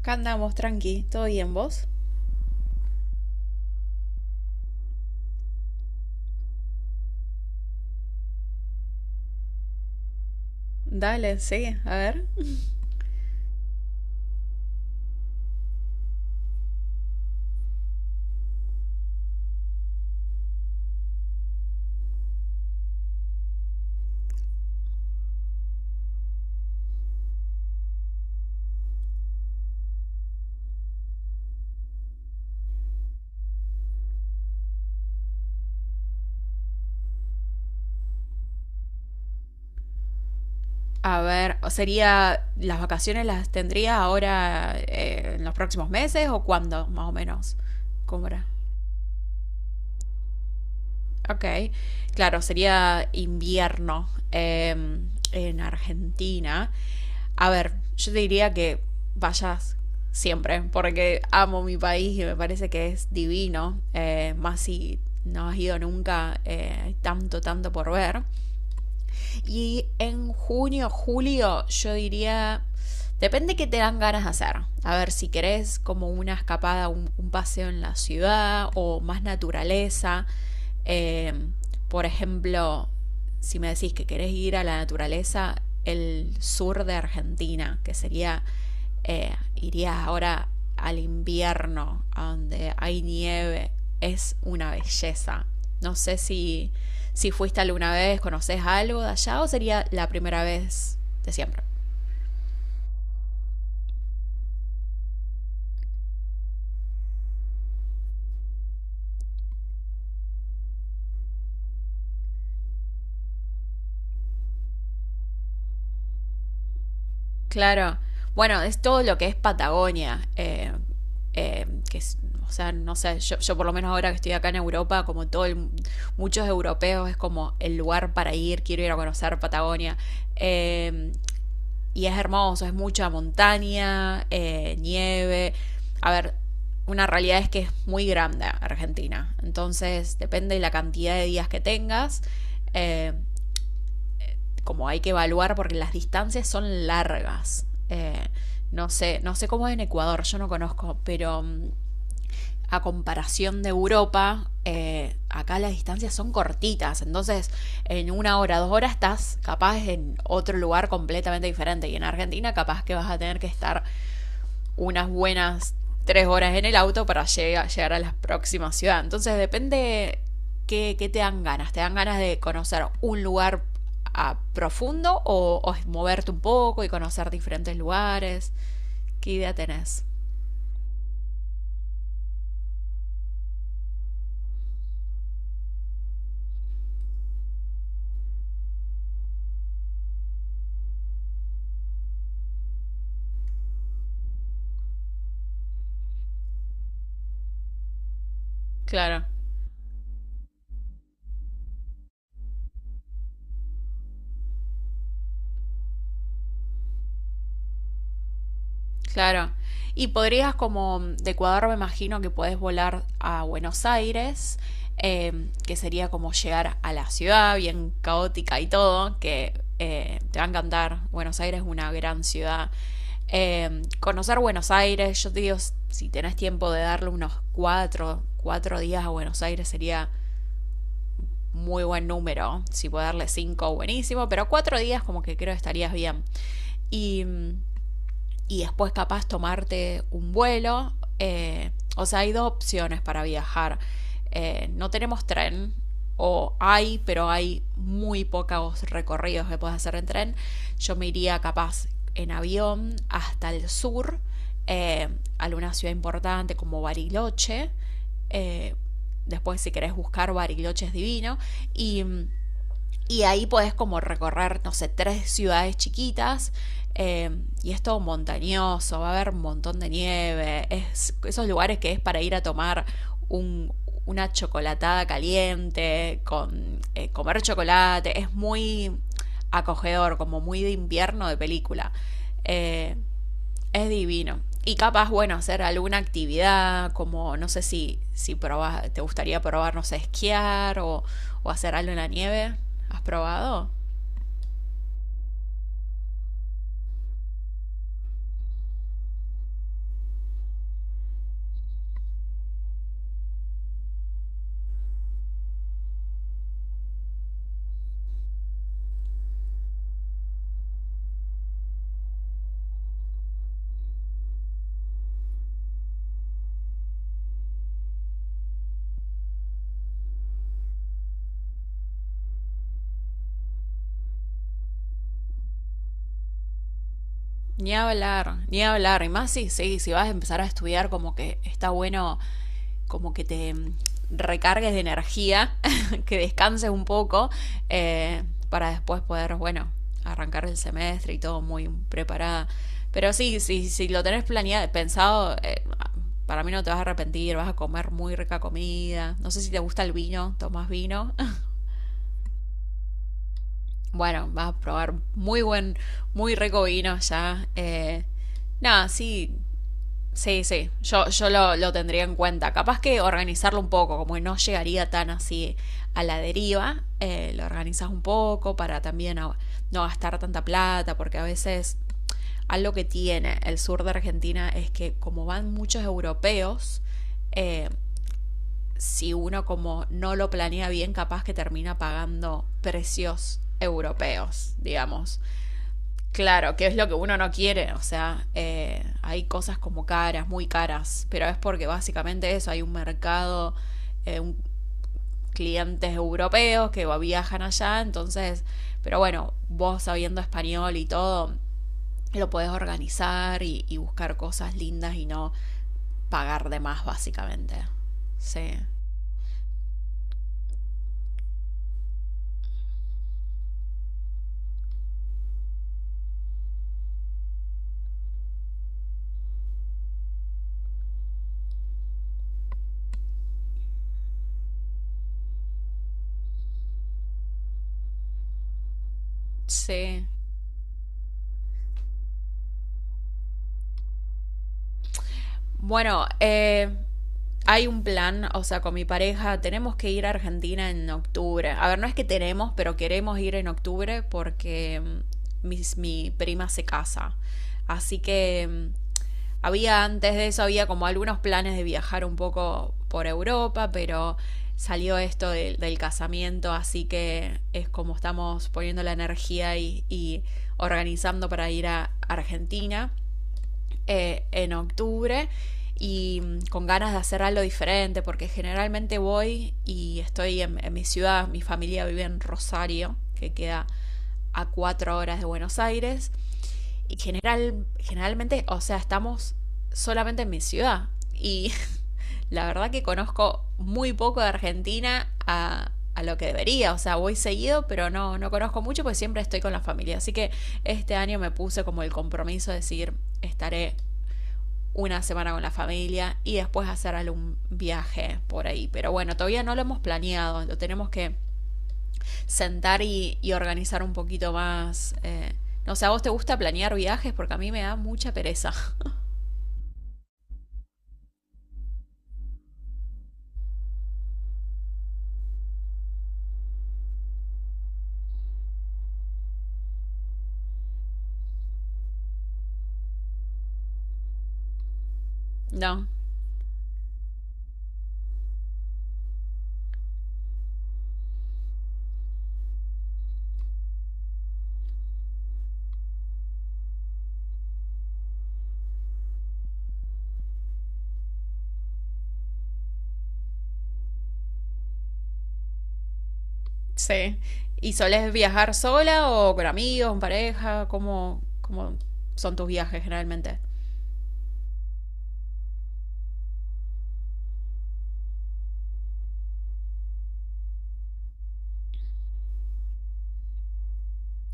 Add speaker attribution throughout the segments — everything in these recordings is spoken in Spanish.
Speaker 1: Acá andamos, tranqui. ¿Todo bien vos? Dale, sí, a ver. A ver, sería, ¿las vacaciones las tendría ahora en los próximos meses o cuándo, más o menos? ¿Cómo era? Ok, claro, sería invierno en Argentina. A ver, yo te diría que vayas siempre, porque amo mi país y me parece que es divino, más si no has ido nunca, hay tanto, tanto por ver. Y en junio, julio, yo diría, depende qué te dan ganas de hacer. A ver, si querés como una escapada, un paseo en la ciudad o más naturaleza. Eh, por ejemplo, si me decís que querés ir a la naturaleza, el sur de Argentina, que sería irías ahora al invierno, donde hay nieve, es una belleza. No sé si fuiste alguna vez, conoces algo de allá o sería la primera vez de siempre. Claro, bueno, es todo lo que es Patagonia, eh, que es- o sea, no sé, yo por lo menos ahora que estoy acá en Europa, como muchos europeos, es como el lugar para ir, quiero ir a conocer Patagonia. Eh, Y es hermoso, es mucha montaña, nieve. A ver, una realidad es que es muy grande Argentina. Entonces, depende de la cantidad de días que tengas, eh, como hay que evaluar, porque las distancias son largas. No sé cómo es en Ecuador, yo no conozco, pero a comparación de Europa, acá las distancias son cortitas, entonces en una hora, 2 horas estás capaz en otro lugar completamente diferente y en Argentina capaz que vas a tener que estar unas buenas 3 horas en el auto para llegar a la próxima ciudad. Entonces depende qué te dan ganas de conocer un lugar a profundo o moverte un poco y conocer diferentes lugares. ¿Qué idea tenés? Claro. Claro. Y podrías como de Ecuador me imagino que podés volar a Buenos Aires, que sería como llegar a la ciudad bien caótica y todo, que te va a encantar. Buenos Aires es una gran ciudad. Conocer Buenos Aires, yo te digo, si tenés tiempo de darle unos cuatro días a Buenos Aires sería muy buen número. Si puedo darle cinco, buenísimo, pero 4 días como que creo que estarías bien. Y mm, y después capaz tomarte un vuelo. Eh, o sea, hay dos opciones para viajar. No tenemos tren, o hay, pero hay muy pocos recorridos que puedes hacer en tren. Yo me iría capaz en avión hasta el sur, eh, a alguna ciudad importante como Bariloche. Eh, Después, si querés buscar, Bariloche es divino. Y mm, y ahí podés como recorrer, no sé, tres ciudades chiquitas. eh, y es todo montañoso, va a haber un montón de nieve. Es esos lugares que es para ir a tomar un- una chocolatada caliente, con comer chocolate. Es muy acogedor, como muy de invierno de película. Eh, es divino. Y capaz, bueno, hacer alguna actividad, como no sé si probas, te gustaría probar, no sé, esquiar o hacer algo en la nieve. ¿Has probado? Ni hablar, ni hablar. Y más si, si vas a empezar a estudiar, como que está bueno como que te recargues de energía, que descanses un poco, eh, para después poder, bueno, arrancar el semestre y todo muy preparada. Pero sí, si sí, sí, lo tenés planeado, pensado, para mí no te vas a arrepentir, vas a comer muy rica comida. No sé si te gusta el vino, tomas vino. Bueno, vas a probar muy rico vino ya. Nada, sí, sí, yo lo tendría en cuenta. Capaz que organizarlo un poco, como que no llegaría tan así a la deriva, lo organizas un poco para también no gastar tanta plata, porque a veces algo que tiene el sur de Argentina es que como van muchos europeos, eh, si uno como no lo planea bien, capaz que termina pagando precios europeos, digamos. Claro, que es lo que uno no quiere, o sea, hay cosas como caras, muy caras, pero es porque básicamente eso, hay un mercado, eh, un- clientes europeos que viajan allá, entonces, pero bueno, vos sabiendo español y todo, lo podés organizar y buscar cosas lindas y no pagar de más, básicamente. Sí, sí. Bueno, hay un plan, o sea, con mi pareja tenemos que ir a Argentina en octubre. A ver, no es que tenemos, pero queremos ir en octubre porque mm, mi prima se casa. Así que había antes de eso, había como algunos planes de viajar un poco por Europa, pero salió esto del casamiento, así que es como estamos poniendo la energía y organizando para ir a Argentina en octubre y con ganas de hacer algo diferente, porque generalmente voy y estoy en mi ciudad, mi familia vive en Rosario, que queda a 4 horas de Buenos Aires, y generalmente, o sea, estamos solamente en mi ciudad, y la verdad que conozco muy poco de Argentina a lo que debería, o sea, voy seguido, pero no, no conozco mucho, pues siempre estoy con la familia, así que este año me puse como el compromiso de decir, estaré una semana con la familia y después hacer algún viaje por ahí. Pero bueno, todavía no lo hemos planeado, lo tenemos que sentar y organizar un poquito más. No sé, ¿a vos te gusta planear viajes? Porque a mí me da mucha pereza. No, sí. ¿Y solés viajar sola o con amigos, en pareja? ¿Cómo son tus viajes generalmente?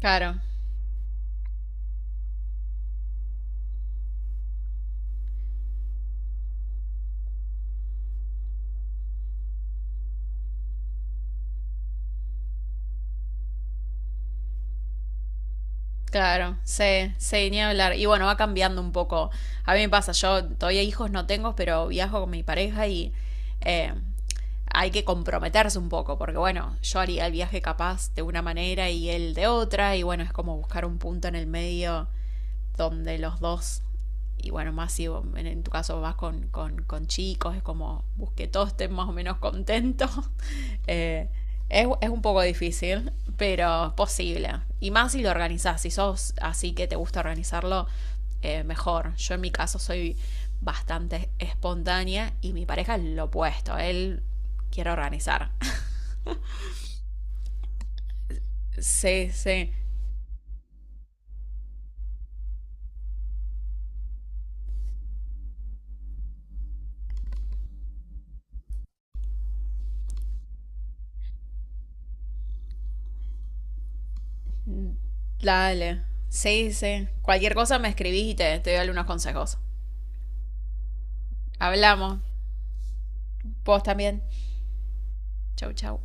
Speaker 1: Claro. Claro, sí, sí, ni hablar. Y bueno, va cambiando un poco. A mí me pasa, yo todavía hijos no tengo, pero viajo con mi pareja y eh, hay que comprometerse un poco, porque bueno, yo haría el viaje capaz de una manera y él de otra, y bueno, es como buscar un punto en el medio donde los dos, y bueno, más si tu caso vas con chicos, es como busque todos estén más o menos contentos. Eh, un poco difícil, pero es posible. Y más si lo organizás, si sos así que te gusta organizarlo, mejor. Yo en mi caso soy bastante espontánea y mi pareja es lo opuesto, él quiere organizar. Sí, sí. Dale. Sí, sí. Cualquier cosa me escribís y te doy algunos consejos. Hablamos. Vos también. Chau, chau.